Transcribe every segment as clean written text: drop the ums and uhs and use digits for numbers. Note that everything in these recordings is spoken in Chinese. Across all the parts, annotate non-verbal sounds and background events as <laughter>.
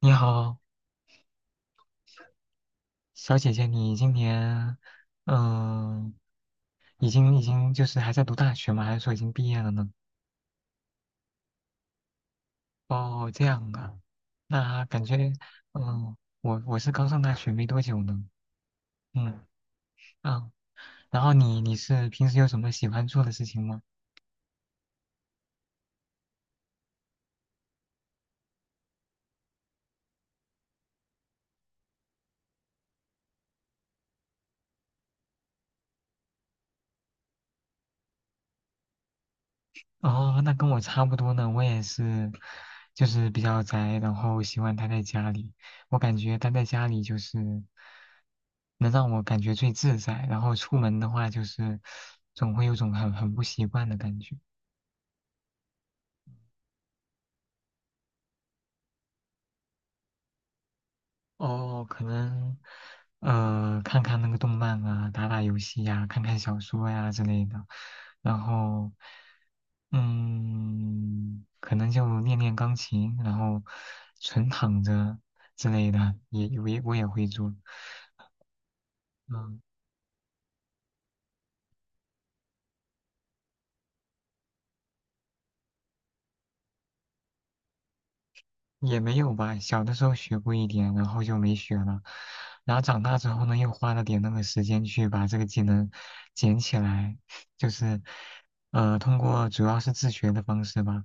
你好，小姐姐，你今年，嗯，已经就是还在读大学吗？还是说已经毕业了呢？哦，这样啊，那感觉，嗯，我是刚上大学没多久呢。嗯啊，然后你是平时有什么喜欢做的事情吗？哦，那跟我差不多呢，我也是，就是比较宅，然后喜欢待在家里。我感觉待在家里就是能让我感觉最自在，然后出门的话就是总会有种很不习惯的感觉。哦，可能看看那个动漫啊，打打游戏呀、看看小说呀、之类的，然后。嗯，可能就练练钢琴，然后纯躺着之类的，也我也我也会做。嗯，也没有吧，小的时候学过一点，然后就没学了。然后长大之后呢，又花了点那个时间去把这个技能捡起来，就是通过主要是自学的方式吧。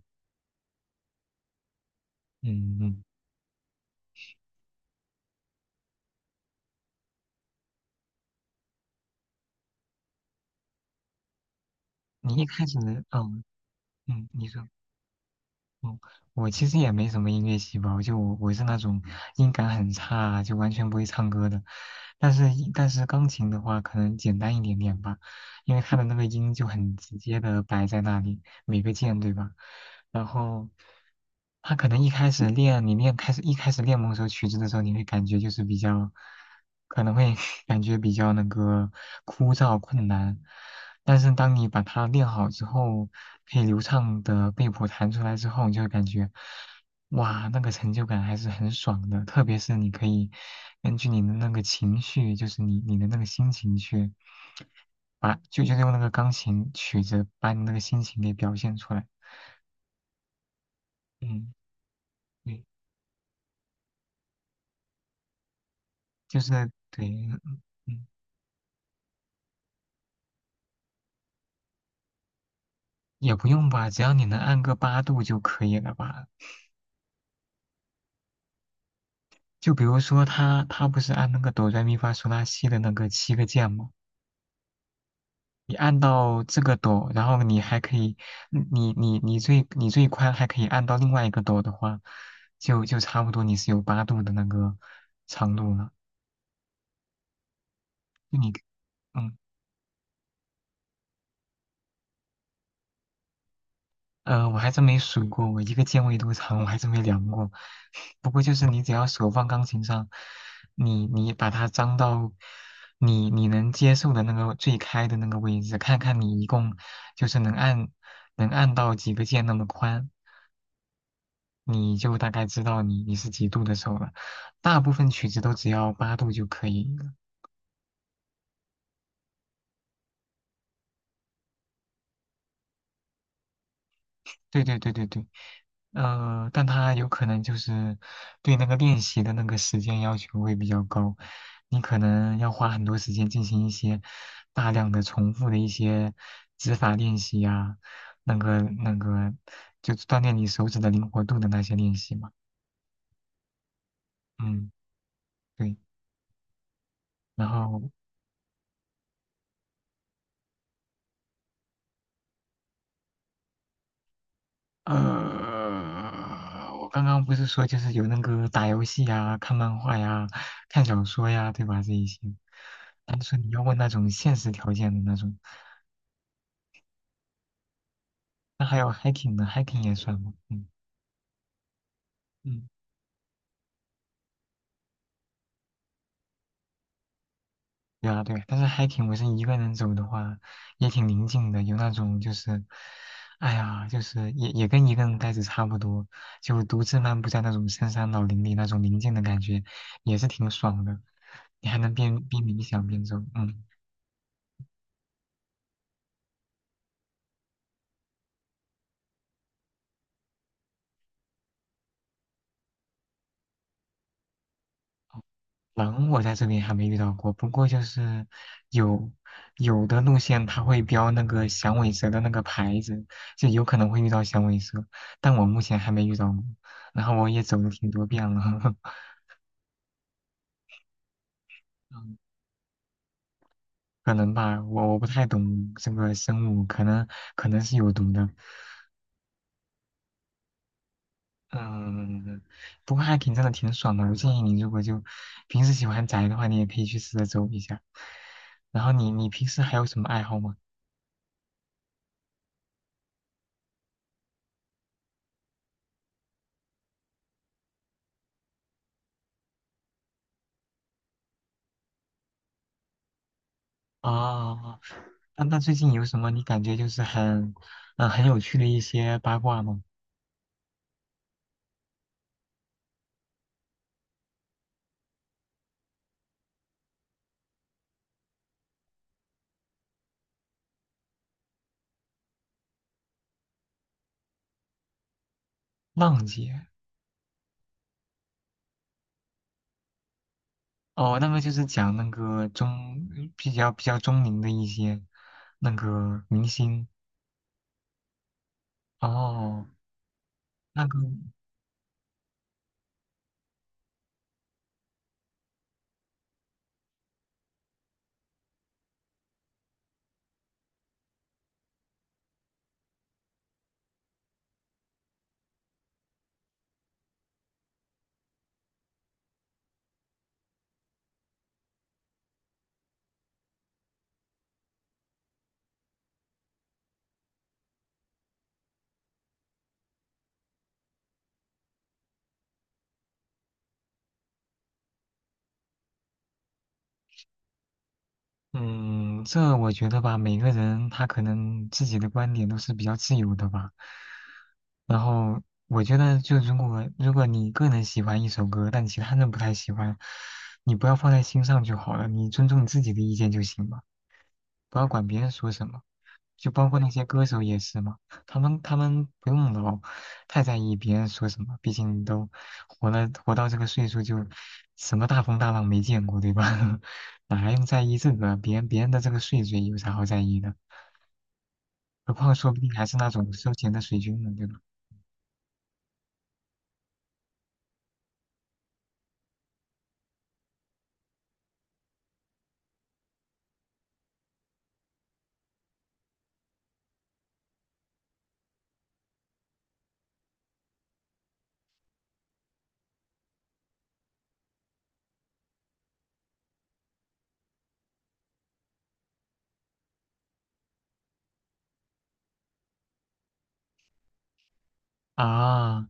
嗯嗯，你一开始，嗯嗯，你说。嗯，我其实也没什么音乐细胞，就我是那种音感很差，就完全不会唱歌的。但是钢琴的话，可能简单一点点吧，因为它的那个音就很直接的摆在那里，每个键，对吧？然后他可能一开始练，你练开始一开始练某首曲子的时候，你会感觉就是比较，可能会 <laughs> 感觉比较那个枯燥困难，但是当你把它练好之后，可以流畅的背谱弹出来之后，你就会感觉，哇，那个成就感还是很爽的，特别是你可以根据你的那个情绪，就是你的那个心情去把，就是用那个钢琴曲子把你那个心情给表现出来。嗯，对，就是对。嗯，也不用吧，只要你能按个八度就可以了吧？就比如说他不是按那个哆来咪发嗦拉西的那个七个键吗？你按到这个斗，然后你还可以，你最宽还可以按到另外一个斗的话，就差不多你是有八度的那个长度了。就你，嗯呃，我还真没数过，我一个键位多长，我还真没量过。<laughs> 不过就是你只要手放钢琴上，你把它张到你能接受的那个最开的那个位置，看看你一共就是能按到几个键那么宽。你就大概知道你是几度的时候了。大部分曲子都只要八度就可以了。对对对对对，但它有可能就是对那个练习的那个时间要求会比较高，你可能要花很多时间进行一些大量的重复的一些指法练习呀、那个就锻炼你手指的灵活度的那些练习嘛。嗯，对。然后我刚刚不是说就是有那个打游戏呀、看漫画呀、看小说呀，对吧？这一些。但是你要问那种现实条件的那种，那还有 hiking 呢？hiking 也算吗？嗯嗯，对啊对啊，但是 hiking 我是一个人走的话，也挺宁静的，有那种就是，哎呀，就是也跟一个人呆着差不多，就独自漫步在那种深山老林里那种宁静的感觉，也是挺爽的。你还能边冥想边走，嗯。狼我在这里还没遇到过，不过就是有有的路线它会标那个响尾蛇的那个牌子，就有可能会遇到响尾蛇，但我目前还没遇到过。然后我也走了挺多遍了。<laughs> 嗯可能吧，我不太懂这个生物，可能是有毒的。嗯，不过还真的挺爽的，我建议你如果就平时喜欢宅的话，你也可以去试着走一下。然后你平时还有什么爱好吗？啊。那最近有什么你感觉就是很，很有趣的一些八卦吗？浪姐。哦，那个就是讲那个中比较比较中龄的一些那个明星。哦，那个，嗯，这我觉得吧，每个人他可能自己的观点都是比较自由的吧。然后我觉得，就如果你个人喜欢一首歌，但其他人不太喜欢，你不要放在心上就好了，你尊重你自己的意见就行了。不要管别人说什么，就包括那些歌手也是嘛，他们不用老太在意别人说什么，毕竟都活到这个岁数，就什么大风大浪没见过，对吧？<laughs> 哪还用在意这个啊？别人的这个岁数有啥好在意的？何况说不定还是那种收钱的水军呢，对吧？啊，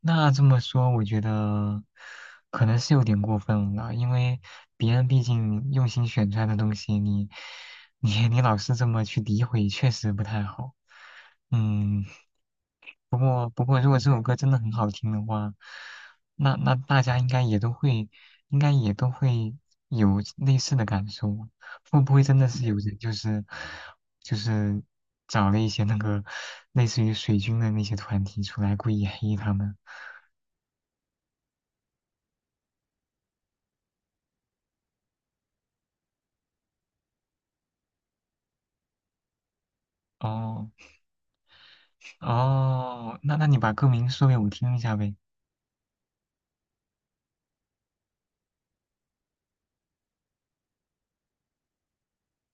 那这么说，我觉得可能是有点过分了，因为别人毕竟用心选出来的东西，你老是这么去诋毁，确实不太好。嗯，不过，如果这首歌真的很好听的话，那大家应该也都会有类似的感受，会不会真的是有人就是找了一些那个类似于水军的那些团体出来故意黑他们？哦，哦，那你把歌名说给我听一下呗。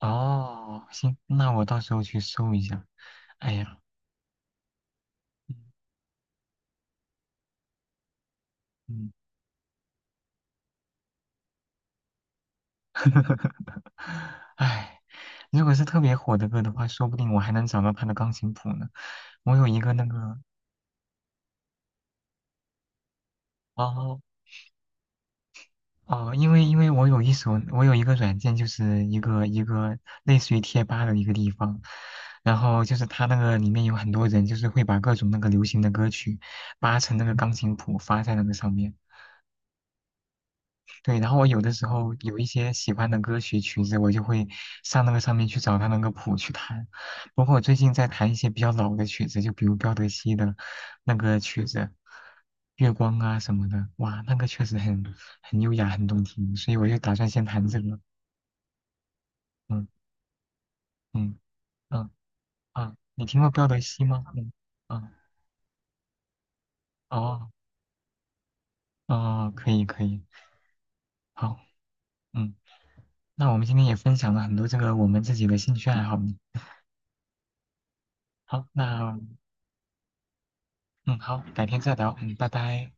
哦，行，那我到时候去搜一下。哎呀，嗯，<laughs> 哎，如果是特别火的歌的话，说不定我还能找到他的钢琴谱呢。我有一个那个，哦哦，因为我有一个软件，就是一个类似于贴吧的一个地方，然后就是它那个里面有很多人，就是会把各种那个流行的歌曲扒成那个钢琴谱发在那个上面。对，然后我有的时候有一些喜欢的曲子，我就会上那个上面去找它那个谱去弹。包括我最近在弹一些比较老的曲子，就比如彪德西的那个曲子《月光》啊什么的，哇，那个确实很优雅，很动听，所以我就打算先弹这个。嗯嗯嗯，啊，你听过彪德西吗？嗯嗯哦哦，可以可以，好，嗯，那我们今天也分享了很多这个我们自己的兴趣爱好呢。好，那。嗯，好，改天再聊。嗯，拜拜。